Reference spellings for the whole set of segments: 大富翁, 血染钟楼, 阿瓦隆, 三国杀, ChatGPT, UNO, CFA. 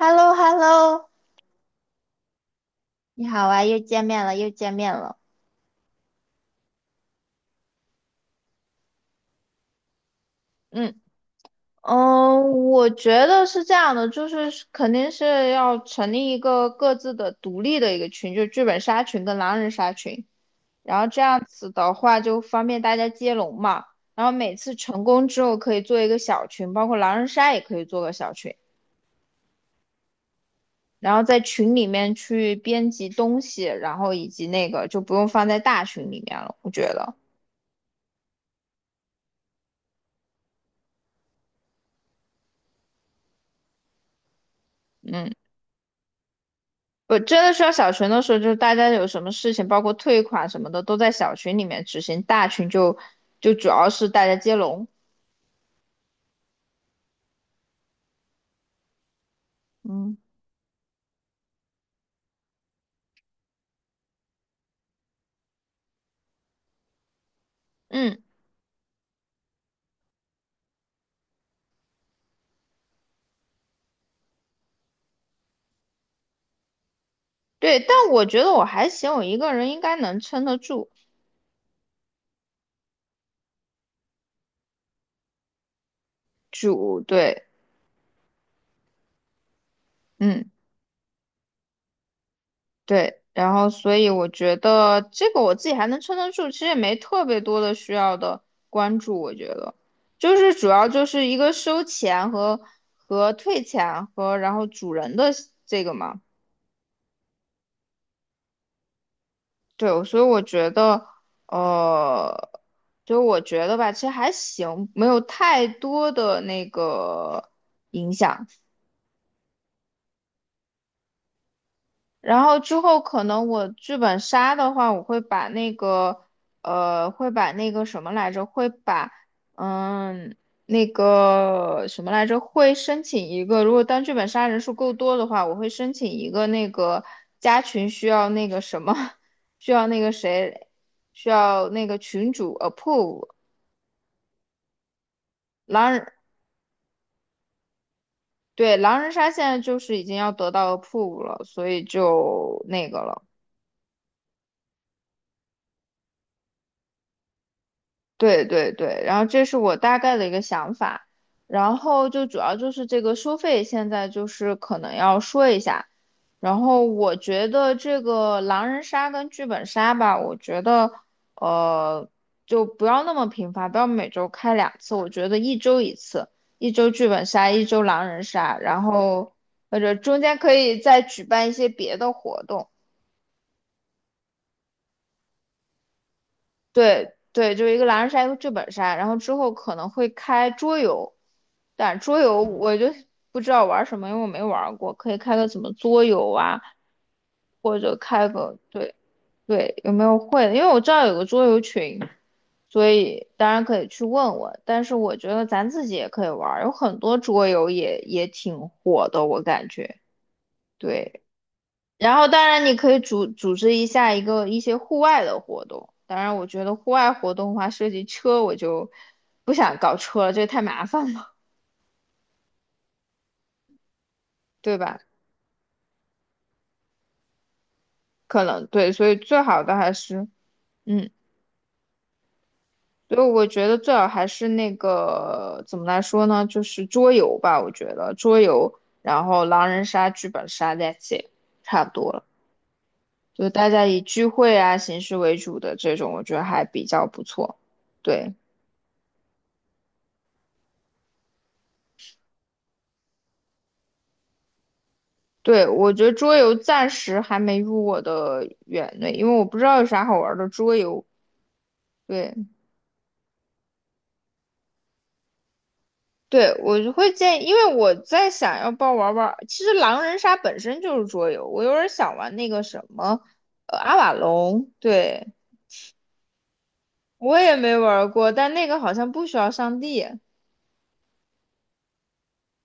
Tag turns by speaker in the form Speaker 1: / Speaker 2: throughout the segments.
Speaker 1: h e l l o h e l l o 你好啊，又见面了，又见面了。嗯，嗯，我觉得是这样的，就是是肯定是要成立一个各自的独立的一个群，就是剧本杀群跟狼人杀群，然后这样子的话就方便大家接龙嘛。然后每次成功之后可以做一个小群，包括狼人杀也可以做个小群，然后在群里面去编辑东西，然后以及那个就不用放在大群里面了，我觉得。嗯。我真的需要小群的时候，就是大家有什么事情，包括退款什么的，都在小群里面执行，大群就主要是大家接龙。嗯，嗯，对，但我觉得我还行，我一个人应该能撑得住。主，对，嗯，对，然后所以我觉得这个我自己还能撑得住，其实也没特别多的需要的关注，我觉得就是主要就是一个收钱和退钱和然后主人的这个嘛。对，所以我觉得，呃，所以我觉得吧，其实还行，没有太多的那个影响。然后之后可能我剧本杀的话，我会把那个，会把那个什么来着，会把，嗯，那个什么来着，会申请一个，如果当剧本杀人数够多的话，我会申请一个那个加群需要那个什么，需要那个谁，需要那个群主approve，狼人，对，狼人杀现在就是已经要得到 approve 了，所以就那个了。对对对，然后这是我大概的一个想法，然后就主要就是这个收费，现在就是可能要说一下，然后我觉得这个狼人杀跟剧本杀吧，我觉得呃就不要那么频繁，不要每周开两次，我觉得一周一次，一周剧本杀，一周狼人杀，然后或者中间可以再举办一些别的活动。对对，就是一个狼人杀，一个剧本杀，然后之后可能会开桌游，但桌游我就不知道玩什么，因为我没玩过，可以开个什么桌游啊，或者开个对对，有没有会的？因为我知道有个桌游群，所以当然可以去问问，但是我觉得咱自己也可以玩儿有很多桌游也挺火的，我感觉对。然后，当然你可以组织一下一个一些户外的活动。当然，我觉得户外活动的话，涉及车，我就不想搞车了，这个太麻烦了，对吧？可能对，所以最好的还是，嗯，所以我觉得最好还是那个怎么来说呢？就是桌游吧，我觉得桌游，然后狼人杀、剧本杀，that's it，差不多了。就是大家以聚会啊形式为主的这种，我觉得还比较不错。对。对，我觉得桌游暂时还没入我的眼内，因为我不知道有啥好玩的桌游。对，对，我就会建议，因为我在想要不要玩玩。其实狼人杀本身就是桌游，我有点想玩那个什么，阿瓦隆。对，我也没玩过，但那个好像不需要上帝。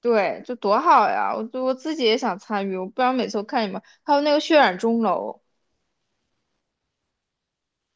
Speaker 1: 对，就多好呀！我自己也想参与，我不然每次我看你们，还有那个血染钟楼。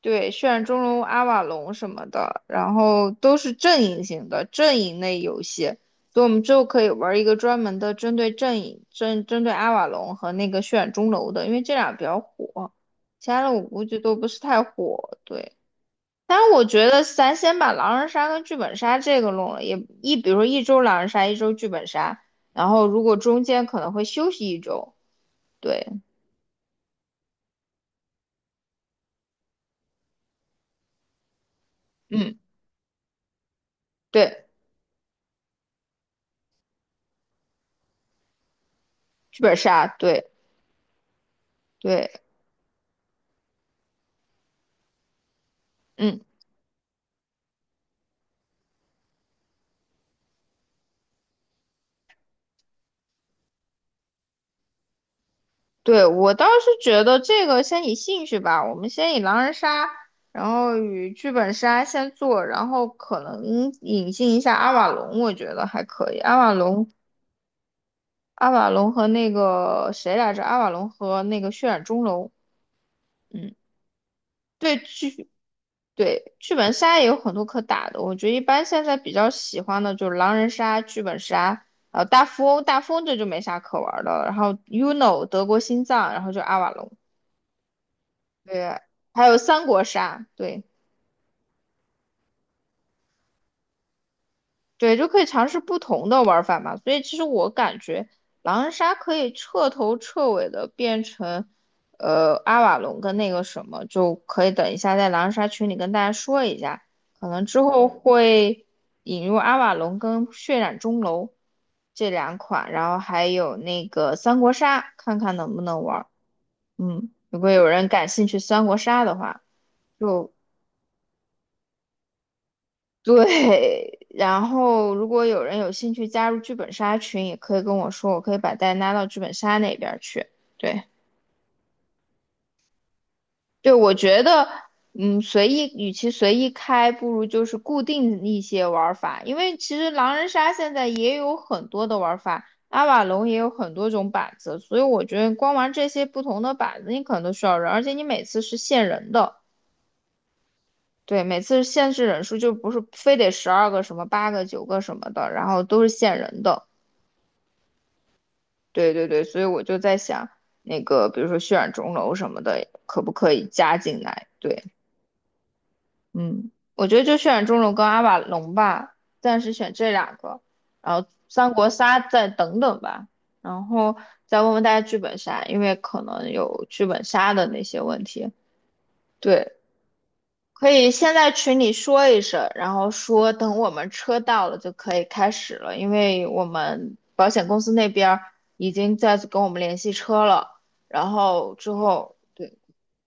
Speaker 1: 对，血染钟楼、阿瓦隆什么的，然后都是阵营型的阵营类游戏，所以我们之后可以玩一个专门的针对阵营、针对阿瓦隆和那个血染钟楼的，因为这俩比较火，其他的我估计都不是太火。对，但是我觉得咱先把狼人杀跟剧本杀这个弄了，也比如说一周狼人杀，一周剧本杀，然后如果中间可能会休息一周，对，嗯，对，剧本杀，对对。嗯。对，我倒是觉得这个先以兴趣吧，我们先以狼人杀，然后与剧本杀先做，然后可能引进一下阿瓦隆，我觉得还可以。阿瓦隆，阿瓦隆和那个谁来着？阿瓦隆和那个血染钟楼，嗯，对剧对剧本杀也有很多可打的，我觉得一般现在比较喜欢的就是狼人杀、剧本杀，大富翁，大富翁这就没啥可玩的了，然后 UNO 德国心脏，然后就阿瓦隆。对，还有三国杀，对对，就可以尝试不同的玩法嘛。所以其实我感觉狼人杀可以彻头彻尾的变成，阿瓦隆跟那个什么，就可以等一下在狼人杀群里跟大家说一下，可能之后会引入阿瓦隆跟血染钟楼这两款，然后还有那个三国杀，看看能不能玩儿嗯，如果有人感兴趣三国杀的话，就对，然后如果有人有兴趣加入剧本杀群，也可以跟我说，我可以把大家拉到剧本杀那边儿去。对，对，我觉得，嗯，随意，与其随意开，不如就是固定一些玩儿法，因为其实狼人杀现在也有很多的玩儿法，阿瓦隆也有很多种板子，所以我觉得光玩这些不同的板子，你可能都需要人，而且你每次是限人的。对，每次限制人数就不是非得12个什么八个九个什么的，然后都是限人的。对对对，所以我就在想，那个比如说血染钟楼什么的，可不可以加进来？对，嗯，我觉得就血染钟楼跟阿瓦隆吧，暂时选这两个，然后三国杀再等等吧，然后再问问大家剧本杀，因为可能有剧本杀的那些问题。对，可以先在群里说一声，然后说等我们车到了就可以开始了，因为我们保险公司那边儿已经在跟我们联系车了，然后之后对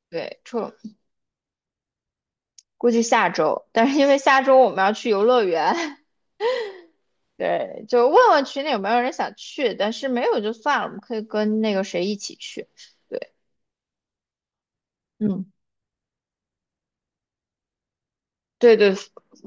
Speaker 1: 对，车估计下周，但是因为下周我们要去游乐园，对，就问问群里有没有人想去，但是没有就算了，我们可以跟那个谁一起去，对，嗯。对对，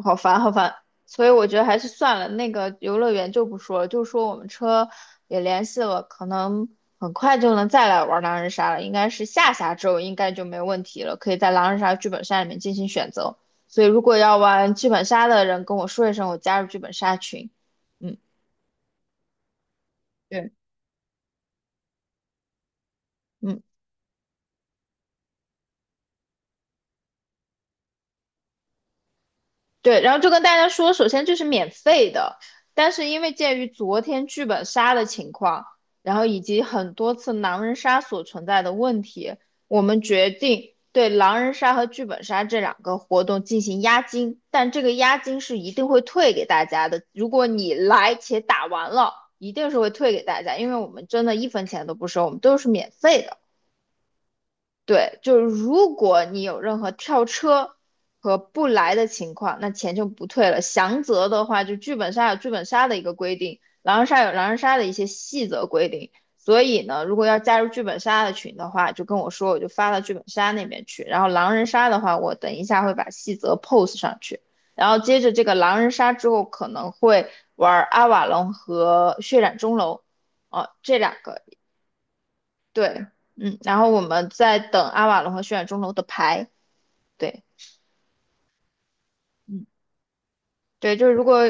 Speaker 1: 好烦好烦，所以我觉得还是算了，那个游乐园就不说了，就说我们车也联系了，可能很快就能再来玩狼人杀了，应该是下下周应该就没问题了，可以在狼人杀剧本杀里面进行选择。所以如果要玩剧本杀的人跟我说一声，我加入剧本杀群。嗯对，嗯。对，然后就跟大家说，首先这是免费的，但是因为鉴于昨天剧本杀的情况，然后以及很多次狼人杀所存在的问题，我们决定对狼人杀和剧本杀这两个活动进行押金，但这个押金是一定会退给大家的。如果你来且打完了，一定是会退给大家，因为我们真的一分钱都不收，我们都是免费的。对，就是如果你有任何跳车和不来的情况，那钱就不退了。详则的话，就剧本杀有剧本杀的一个规定，狼人杀有狼人杀的一些细则规定。所以呢，如果要加入剧本杀的群的话，就跟我说，我就发到剧本杀那边去。然后狼人杀的话，我等一下会把细则 post 上去。然后接着这个狼人杀之后，可能会玩阿瓦隆和血染钟楼，哦，这两个。对，嗯，然后我们在等阿瓦隆和血染钟楼的牌，对，嗯，对，就是如果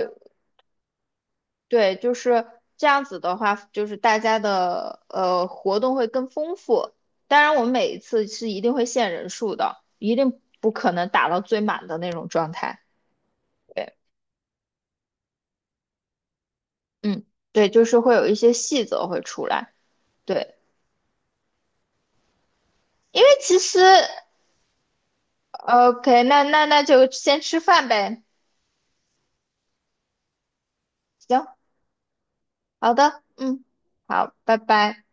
Speaker 1: 对，就是这样子的话，就是大家的活动会更丰富。当然，我们每一次是一定会限人数的，一定不可能打到最满的那种状态。嗯，对，就是会有一些细则会出来。对，因为其实OK，那就先吃饭呗。行，好的，嗯，好，拜拜。